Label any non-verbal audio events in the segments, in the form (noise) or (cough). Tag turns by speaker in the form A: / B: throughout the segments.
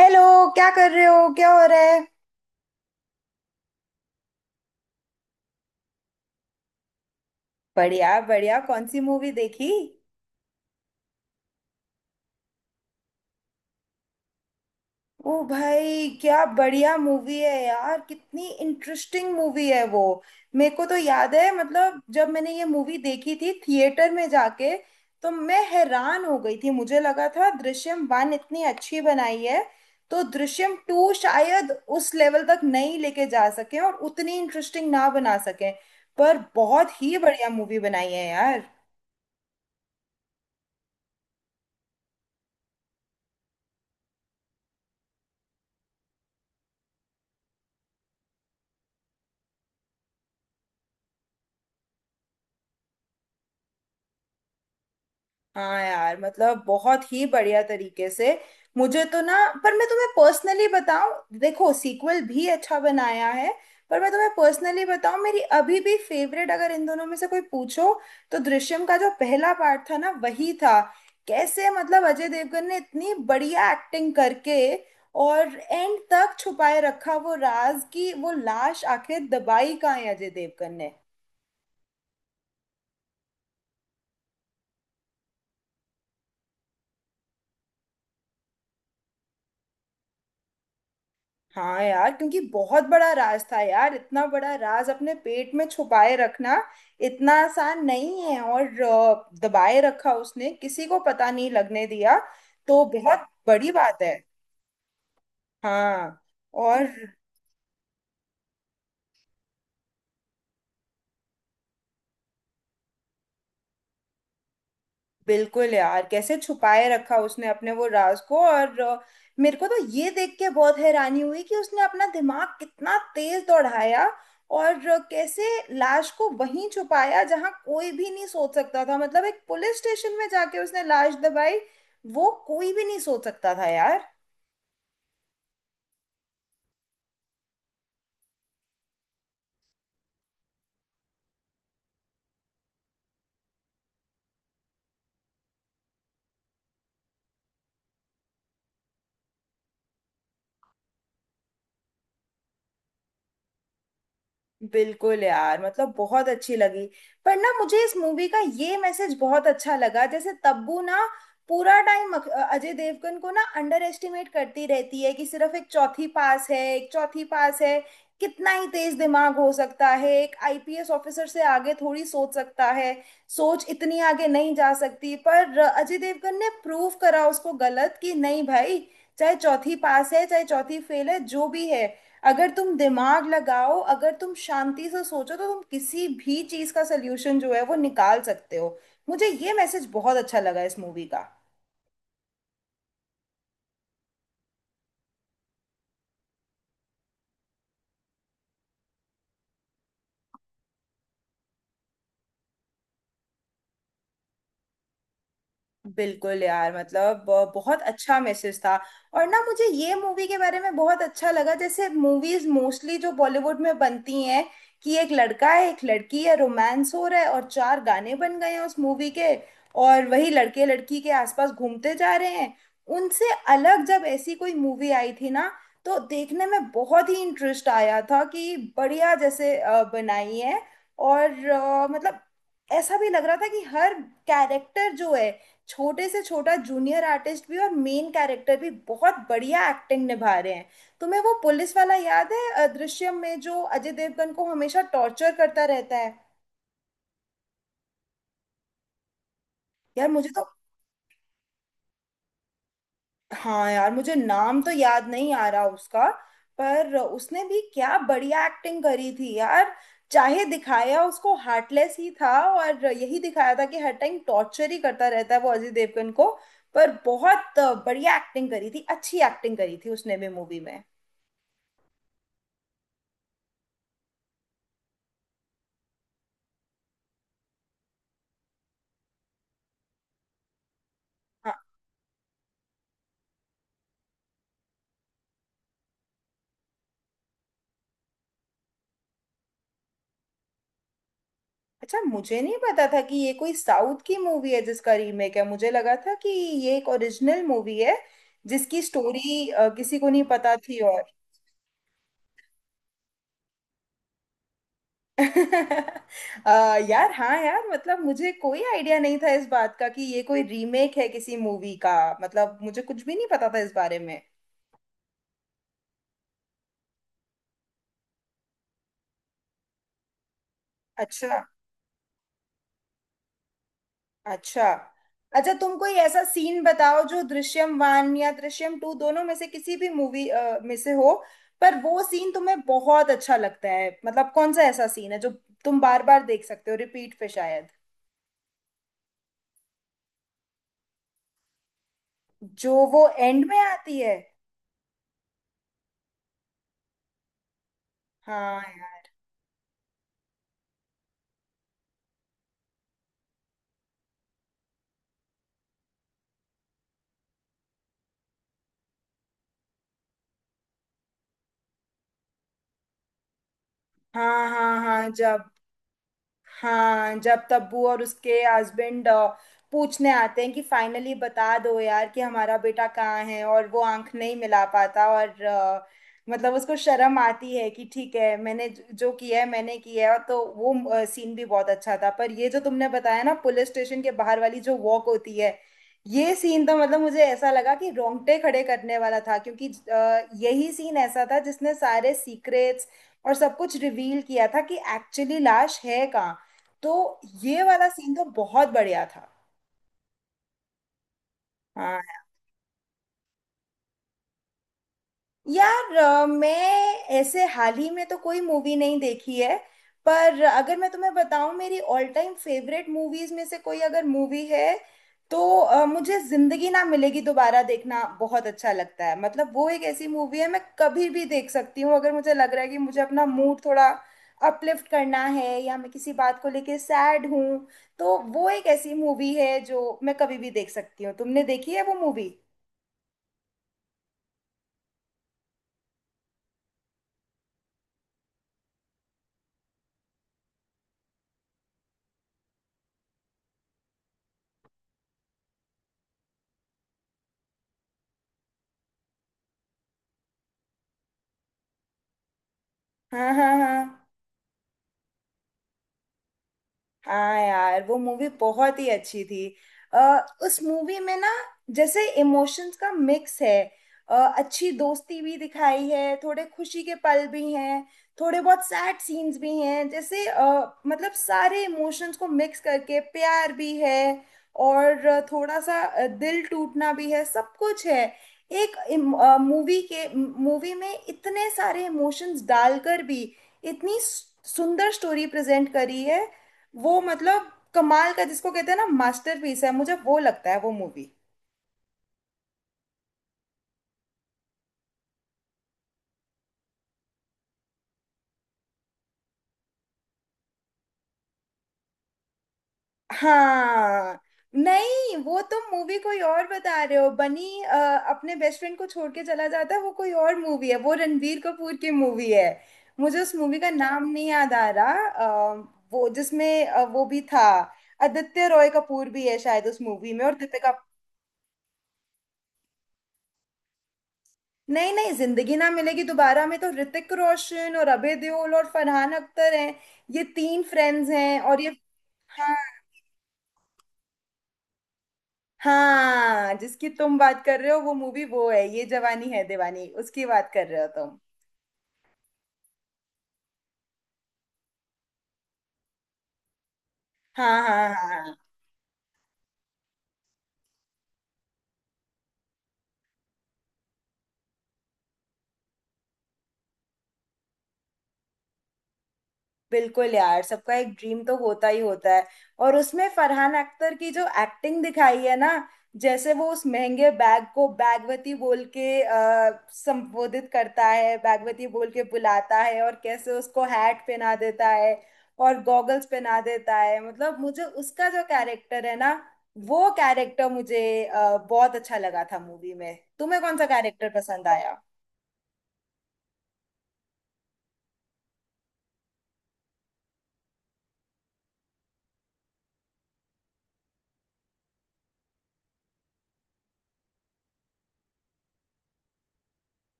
A: Hello. क्या कर रहे हो, क्या हो रहा है? बढ़िया बढ़िया, कौन सी मूवी देखी? ओ भाई, क्या बढ़िया मूवी है यार, कितनी इंटरेस्टिंग मूवी है वो। मेरे को तो याद है, मतलब जब मैंने ये मूवी देखी थी थिएटर में जाके, तो मैं हैरान हो गई थी। मुझे लगा था दृश्यम वन इतनी अच्छी बनाई है, तो दृश्यम टू शायद उस लेवल तक नहीं लेके जा सके और उतनी इंटरेस्टिंग ना बना सके, पर बहुत ही बढ़िया मूवी बनाई है यार। हाँ यार, मतलब बहुत ही बढ़िया तरीके से। मुझे तो ना, पर मैं तुम्हें पर्सनली बताऊं, देखो सीक्वल भी अच्छा बनाया है, पर मैं तुम्हें पर्सनली बताऊं, मेरी अभी भी फेवरेट अगर इन दोनों में से कोई पूछो तो दृश्यम का जो पहला पार्ट था ना, वही था। कैसे मतलब अजय देवगन ने इतनी बढ़िया एक्टिंग करके और एंड तक छुपाए रखा वो राज, की वो लाश आखिर दबाई कहाँ है अजय देवगन ने। हाँ यार, क्योंकि बहुत बड़ा राज था यार। इतना बड़ा राज अपने पेट में छुपाए रखना इतना आसान नहीं है, और दबाए रखा उसने, किसी को पता नहीं लगने दिया, तो बहुत बड़ी बात है। हाँ। और बिल्कुल यार, कैसे छुपाए रखा उसने अपने वो राज को। और मेरे को तो ये देख के बहुत हैरानी हुई कि उसने अपना दिमाग कितना तेज दौड़ाया, और कैसे लाश को वहीं छुपाया जहां कोई भी नहीं सोच सकता था। मतलब एक पुलिस स्टेशन में जाके उसने लाश दबाई, वो कोई भी नहीं सोच सकता था यार। बिल्कुल यार, मतलब बहुत अच्छी लगी। पर ना, मुझे इस मूवी का ये मैसेज बहुत अच्छा लगा। जैसे तब्बू ना पूरा टाइम अजय देवगन को ना अंडर एस्टिमेट करती रहती है कि सिर्फ एक चौथी पास है, एक चौथी पास है, कितना ही तेज दिमाग हो सकता है, एक आईपीएस ऑफिसर से आगे थोड़ी सोच सकता है, सोच इतनी आगे नहीं जा सकती। पर अजय देवगन ने प्रूव करा उसको गलत कि नहीं भाई, चाहे चौथी पास है चाहे चौथी फेल है, जो भी है, अगर तुम दिमाग लगाओ, अगर तुम शांति से सोचो, तो तुम किसी भी चीज का सोल्यूशन जो है वो निकाल सकते हो। मुझे ये मैसेज बहुत अच्छा लगा इस मूवी का। बिल्कुल यार, मतलब बहुत अच्छा मैसेज था। और ना, मुझे ये मूवी के बारे में बहुत अच्छा लगा। जैसे मूवीज मोस्टली जो बॉलीवुड में बनती हैं कि एक लड़का है, एक लड़की है, रोमांस हो रहा है और चार गाने बन गए हैं उस मूवी के, और वही लड़के लड़की के आसपास घूमते जा रहे हैं। उनसे अलग जब ऐसी कोई मूवी आई थी ना, तो देखने में बहुत ही इंटरेस्ट आया था कि बढ़िया जैसे बनाई है। और मतलब ऐसा भी लग रहा था कि हर कैरेक्टर जो है, छोटे से छोटा जूनियर आर्टिस्ट भी और मेन कैरेक्टर भी बहुत बढ़िया एक्टिंग निभा रहे हैं। तुम्हें वो पुलिस वाला याद है अदृश्यम में, जो अजय देवगन को हमेशा टॉर्चर करता रहता है? यार मुझे तो। हाँ यार, मुझे नाम तो याद नहीं आ रहा उसका, पर उसने भी क्या बढ़िया एक्टिंग करी थी यार। चाहे दिखाया उसको हार्टलेस ही था और यही दिखाया था कि हर टाइम टॉर्चर ही करता रहता है वो अजय देवगन को, पर बहुत बढ़िया एक्टिंग करी थी, अच्छी एक्टिंग करी थी उसने भी मूवी में। अच्छा, मुझे नहीं पता था कि ये कोई साउथ की मूवी है जिसका रीमेक है। मुझे लगा था कि ये एक ओरिजिनल मूवी है जिसकी स्टोरी किसी को नहीं पता थी। और (laughs) यार हाँ यार, मतलब मुझे कोई आइडिया नहीं था इस बात का कि ये कोई रीमेक है किसी मूवी का। मतलब मुझे कुछ भी नहीं पता था इस बारे में। अच्छा। अच्छा, अच्छा तुम कोई ऐसा सीन बताओ जो दृश्यम वन या दृश्यम टू दोनों में से किसी भी मूवी में से हो, पर वो सीन तुम्हें बहुत अच्छा लगता है। मतलब कौन सा ऐसा सीन है जो तुम बार बार देख सकते हो, रिपीट पे शायद। जो वो एंड में आती है। हाँ यार। हाँ हाँ हाँ, जब। हाँ, जब तब्बू और उसके हस्बैंड पूछने आते हैं कि फाइनली बता दो यार कि हमारा बेटा कहाँ है, और वो आंख नहीं मिला पाता, और मतलब उसको शर्म आती है कि ठीक है, मैंने जो किया है मैंने किया है, तो वो सीन भी बहुत अच्छा था। पर ये जो तुमने बताया ना, पुलिस स्टेशन के बाहर वाली जो वॉक होती है, ये सीन तो मतलब मुझे ऐसा लगा कि रोंगटे खड़े करने वाला था, क्योंकि यही सीन ऐसा था जिसने सारे सीक्रेट्स और सब कुछ रिवील किया था कि एक्चुअली लाश है कहाँ। तो ये वाला सीन तो बहुत बढ़िया था। हाँ। यार मैं ऐसे हाल ही में तो कोई मूवी नहीं देखी है, पर अगर मैं तुम्हें बताऊं, मेरी ऑल टाइम फेवरेट मूवीज में से कोई अगर मूवी है, तो मुझे जिंदगी ना मिलेगी दोबारा देखना बहुत अच्छा लगता है। मतलब वो एक ऐसी मूवी है, मैं कभी भी देख सकती हूँ। अगर मुझे लग रहा है कि मुझे अपना मूड थोड़ा अपलिफ्ट करना है, या मैं किसी बात को लेके सैड हूँ, तो वो एक ऐसी मूवी है जो मैं कभी भी देख सकती हूँ। तुमने देखी है वो मूवी? हाँ हाँ हाँ। हाँ यार, वो मूवी बहुत ही अच्छी थी। आ, उस मूवी में ना, जैसे इमोशंस का मिक्स है। अच्छी दोस्ती भी दिखाई है, थोड़े खुशी के पल भी हैं, थोड़े बहुत सैड सीन्स भी हैं। जैसे मतलब सारे इमोशंस को मिक्स करके, प्यार भी है और थोड़ा सा दिल टूटना भी है, सब कुछ है। एक मूवी के, मूवी में इतने सारे इमोशंस डालकर भी इतनी सुंदर स्टोरी प्रेजेंट करी है। वो मतलब कमाल का, जिसको कहते हैं ना मास्टरपीस है, मुझे वो लगता है वो मूवी। हाँ। नहीं, वो तुम मूवी कोई और बता रहे हो। बनी अपने बेस्ट फ्रेंड को छोड़ के चला जाता है, वो कोई और मूवी है, वो रणबीर कपूर की मूवी है। मुझे उस मूवी का नाम नहीं याद आ रहा। वो जिसमें वो भी था, आदित्य रॉय कपूर भी है शायद उस मूवी में और दीपिका। नहीं नहीं, जिंदगी ना मिलेगी दोबारा में तो ऋतिक रोशन और अभय देओल और फरहान अख्तर हैं, ये तीन फ्रेंड्स हैं, और ये हाँ। हाँ, जिसकी तुम बात कर रहे हो वो मूवी वो है ये जवानी है दीवानी, उसकी बात कर रहे हो तुम। हाँ हाँ हाँ हाँ। बिल्कुल यार, सबका एक ड्रीम तो होता ही होता है। और उसमें फरहान अख्तर की जो एक्टिंग दिखाई है ना, जैसे वो उस महंगे बैग को बैगवती बोल के संबोधित करता है, बैगवती बोल के बुलाता है, और कैसे उसको हैट पहना देता है और गॉगल्स पहना देता है। मतलब मुझे उसका जो कैरेक्टर है ना, वो कैरेक्टर मुझे बहुत अच्छा लगा था मूवी में। तुम्हें कौन सा कैरेक्टर पसंद आया?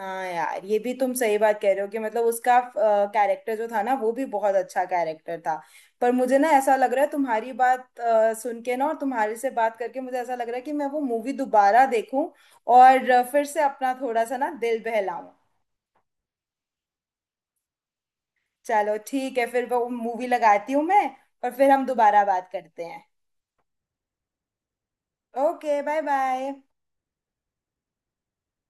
A: हाँ यार, ये भी तुम सही बात कह रहे हो कि मतलब उसका कैरेक्टर जो था ना, वो भी बहुत अच्छा कैरेक्टर था। पर मुझे ना ऐसा लग रहा है तुम्हारी बात सुन के ना, और तुम्हारे से बात करके मुझे ऐसा लग रहा है कि मैं वो मूवी दोबारा देखूं, और फिर से अपना थोड़ा सा ना दिल बहलाऊं। चलो ठीक है, फिर वो मूवी लगाती हूँ मैं, और फिर हम दोबारा बात करते हैं। Okay, bye bye.